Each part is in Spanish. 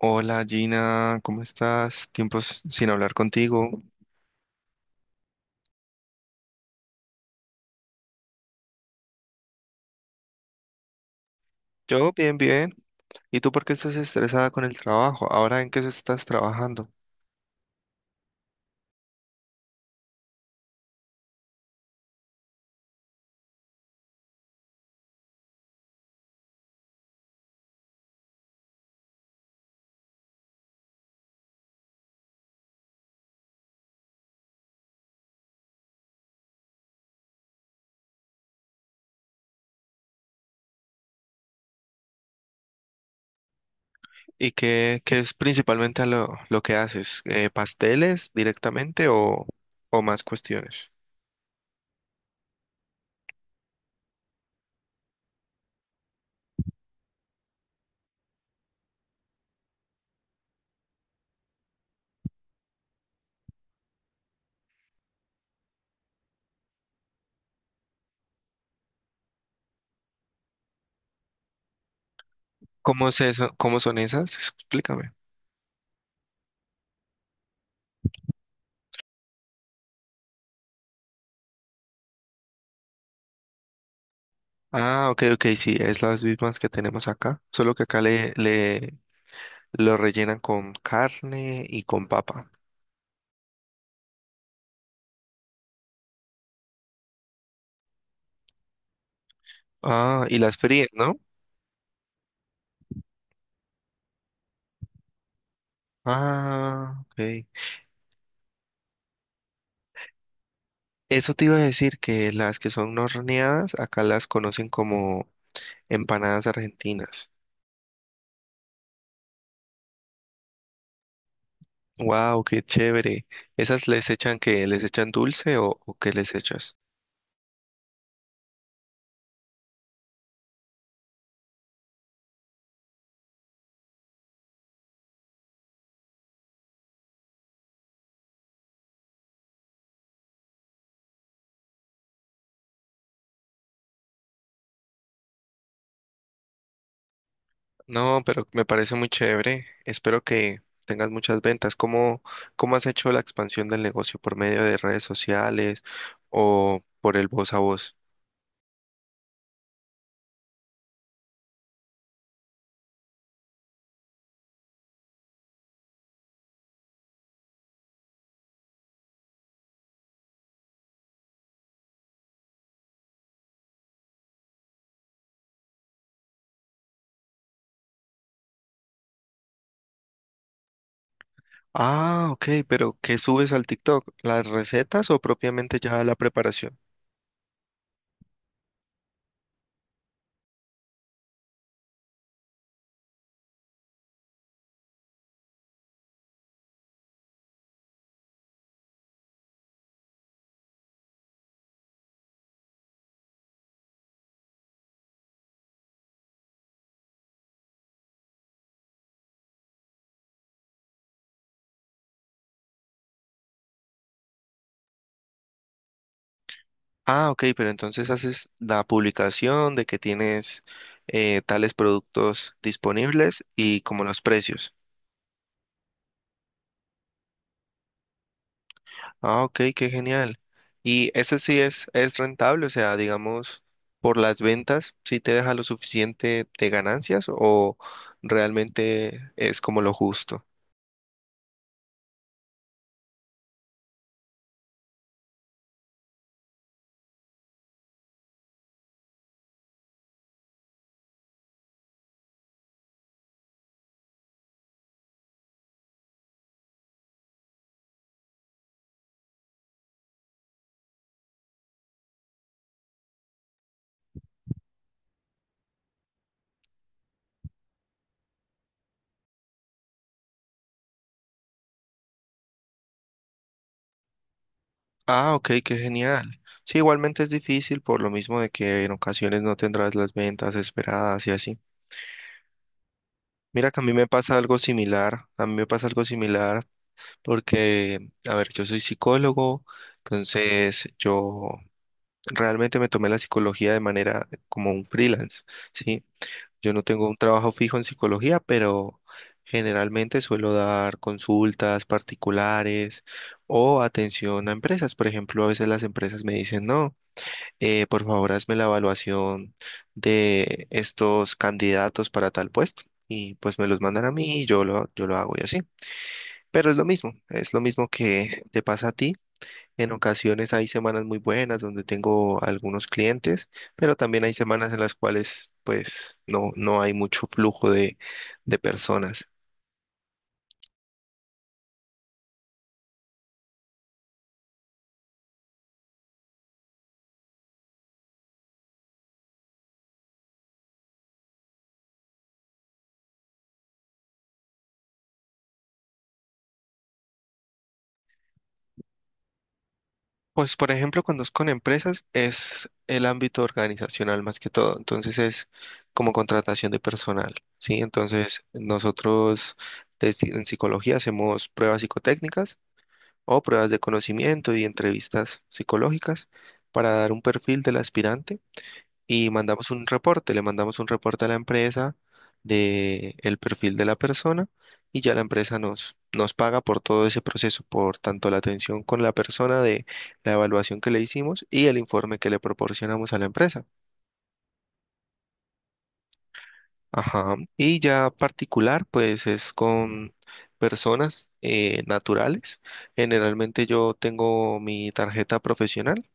Hola Gina, ¿cómo estás? Tiempos sin hablar contigo. Yo bien, bien. ¿Y tú por qué estás estresada con el trabajo? ¿Ahora en qué estás trabajando? ¿Y qué es principalmente a lo que haces? ¿Pasteles directamente o más cuestiones? ¿Cómo es eso? ¿Cómo son esas? Explícame. Ah, ok, ok, sí, es las mismas que tenemos acá, solo que acá le lo rellenan con carne y con papa. Ah, y las fríen, ¿no? Ah, ok. Eso te iba a decir que las que son no horneadas, acá las conocen como empanadas argentinas. Wow, qué chévere. ¿Esas les echan que les echan dulce o qué les echas? No, pero me parece muy chévere. Espero que tengas muchas ventas. ¿Cómo, cómo has hecho la expansión del negocio? ¿Por medio de redes sociales o por el voz a voz? Ah, ok, pero ¿qué subes al TikTok? ¿Las recetas o propiamente ya la preparación? Ah, ok, pero entonces haces la publicación de que tienes tales productos disponibles y como los precios. Ah, ok, qué genial. Y ese sí es rentable, o sea, digamos, por las ventas, ¿sí te deja lo suficiente de ganancias o realmente es como lo justo? Ah, ok, qué genial. Sí, igualmente es difícil por lo mismo de que en ocasiones no tendrás las ventas esperadas y así. Mira que a mí me pasa algo similar, a mí me pasa algo similar porque, a ver, yo soy psicólogo, entonces yo realmente me tomé la psicología de manera como un freelance, ¿sí? Yo no tengo un trabajo fijo en psicología, pero generalmente suelo dar consultas particulares o atención a empresas. Por ejemplo, a veces las empresas me dicen, no, por favor hazme la evaluación de estos candidatos para tal puesto. Y pues me los mandan a mí y yo lo hago y así. Pero es lo mismo que te pasa a ti. En ocasiones hay semanas muy buenas donde tengo algunos clientes, pero también hay semanas en las cuales pues no, no hay mucho flujo de personas. Pues por ejemplo, cuando es con empresas es el ámbito organizacional más que todo, entonces es como contratación de personal, ¿sí? Entonces nosotros en psicología hacemos pruebas psicotécnicas o pruebas de conocimiento y entrevistas psicológicas para dar un perfil del aspirante y mandamos un reporte, le mandamos un reporte a la empresa de el perfil de la persona y ya la empresa nos paga por todo ese proceso, por tanto la atención con la persona de la evaluación que le hicimos y el informe que le proporcionamos a la empresa. Ajá. Y ya particular, pues es con personas naturales. Generalmente yo tengo mi tarjeta profesional.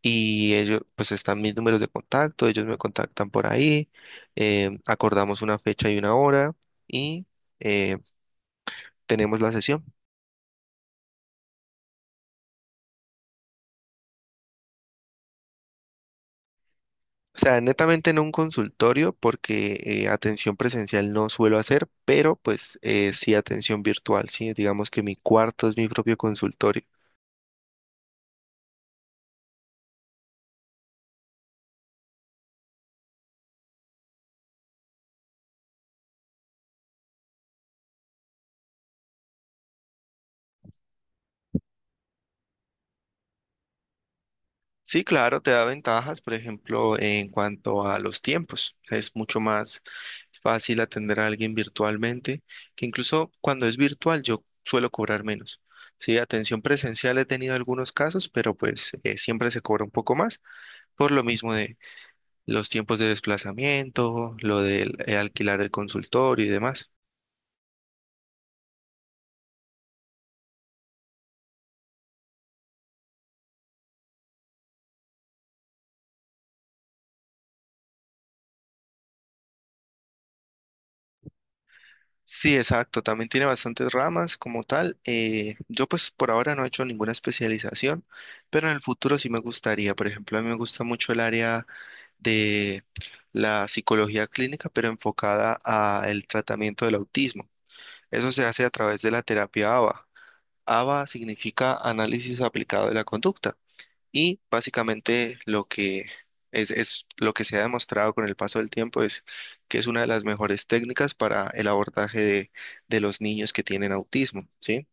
Y ellos, pues están mis números de contacto, ellos me contactan por ahí, acordamos una fecha y una hora y eh, tenemos la sesión. O sea, netamente en un consultorio porque atención presencial no suelo hacer, pero pues sí atención virtual, sí, digamos que mi cuarto es mi propio consultorio. Sí, claro, te da ventajas, por ejemplo, en cuanto a los tiempos. Es mucho más fácil atender a alguien virtualmente, que incluso cuando es virtual yo suelo cobrar menos. Sí, atención presencial he tenido algunos casos, pero pues siempre se cobra un poco más por lo mismo de los tiempos de desplazamiento, lo del alquilar el consultorio y demás. Sí, exacto. También tiene bastantes ramas como tal. Yo pues por ahora no he hecho ninguna especialización, pero en el futuro sí me gustaría. Por ejemplo, a mí me gusta mucho el área de la psicología clínica, pero enfocada al tratamiento del autismo. Eso se hace a través de la terapia ABA. ABA significa análisis aplicado de la conducta. Y básicamente lo que es lo que se ha demostrado con el paso del tiempo es que es una de las mejores técnicas para el abordaje de los niños que tienen autismo, ¿sí?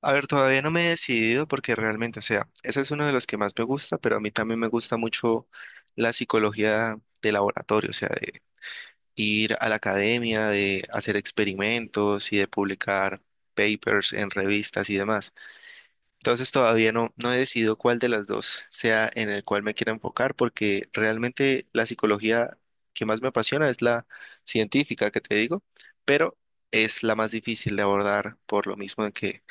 A ver, todavía no me he decidido porque realmente, o sea, ese es uno de los que más me gusta, pero a mí también me gusta mucho la psicología de laboratorio, o sea, de ir a la academia, de hacer experimentos y de publicar papers en revistas y demás. Entonces todavía no, no he decidido cuál de las dos sea en el cual me quiera enfocar, porque realmente la psicología que más me apasiona es la científica que te digo, pero es la más difícil de abordar por lo mismo de que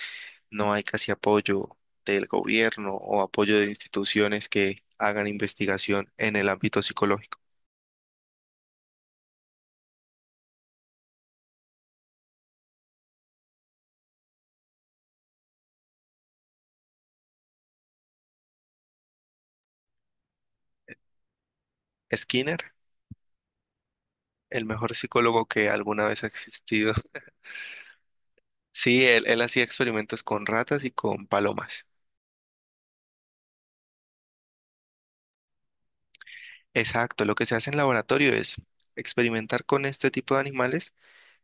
no hay casi apoyo del gobierno o apoyo de instituciones que hagan investigación en el ámbito psicológico. Skinner, el mejor psicólogo que alguna vez ha existido. Sí, él hacía experimentos con ratas y con palomas. Exacto, lo que se hace en laboratorio es experimentar con este tipo de animales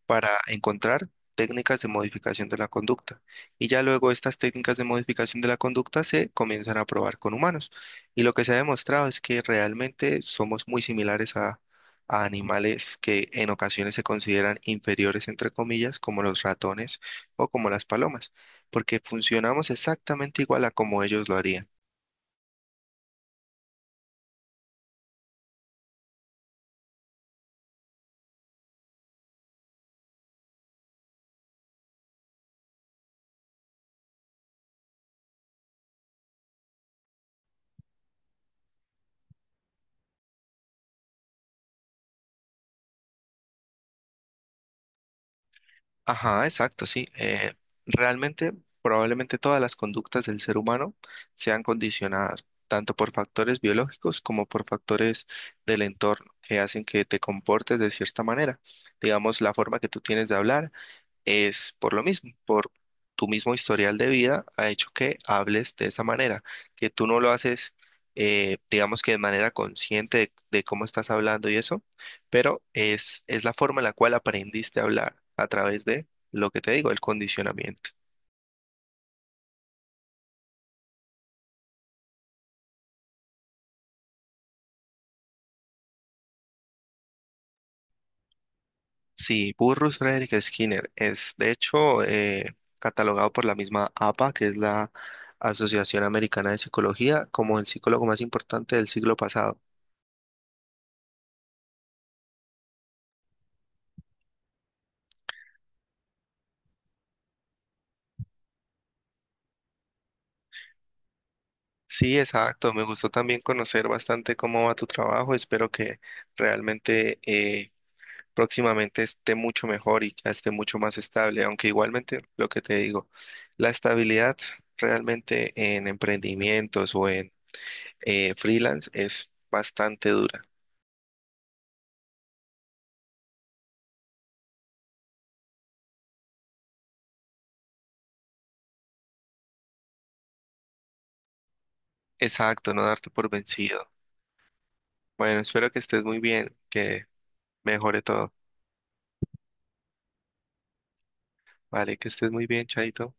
para encontrar técnicas de modificación de la conducta. Y ya luego estas técnicas de modificación de la conducta se comienzan a probar con humanos. Y lo que se ha demostrado es que realmente somos muy similares a animales que en ocasiones se consideran inferiores, entre comillas, como los ratones o como las palomas, porque funcionamos exactamente igual a como ellos lo harían. Ajá, exacto, sí. Realmente, probablemente todas las conductas del ser humano sean condicionadas tanto por factores biológicos como por factores del entorno que hacen que te comportes de cierta manera. Digamos, la forma que tú tienes de hablar es por lo mismo, por tu mismo historial de vida ha hecho que hables de esa manera, que tú no lo haces, digamos que de manera consciente de cómo estás hablando y eso, pero es la forma en la cual aprendiste a hablar a través de lo que te digo, el condicionamiento. Sí, Burrus Frederick Skinner es de hecho catalogado por la misma APA, que es la Asociación Americana de Psicología, como el psicólogo más importante del siglo pasado. Sí, exacto. Me gustó también conocer bastante cómo va tu trabajo. Espero que realmente próximamente esté mucho mejor y ya esté mucho más estable. Aunque igualmente lo que te digo, la estabilidad realmente en emprendimientos o en freelance es bastante dura. Exacto, no darte por vencido. Bueno, espero que estés muy bien, que mejore todo. Vale, que estés muy bien, Chaito.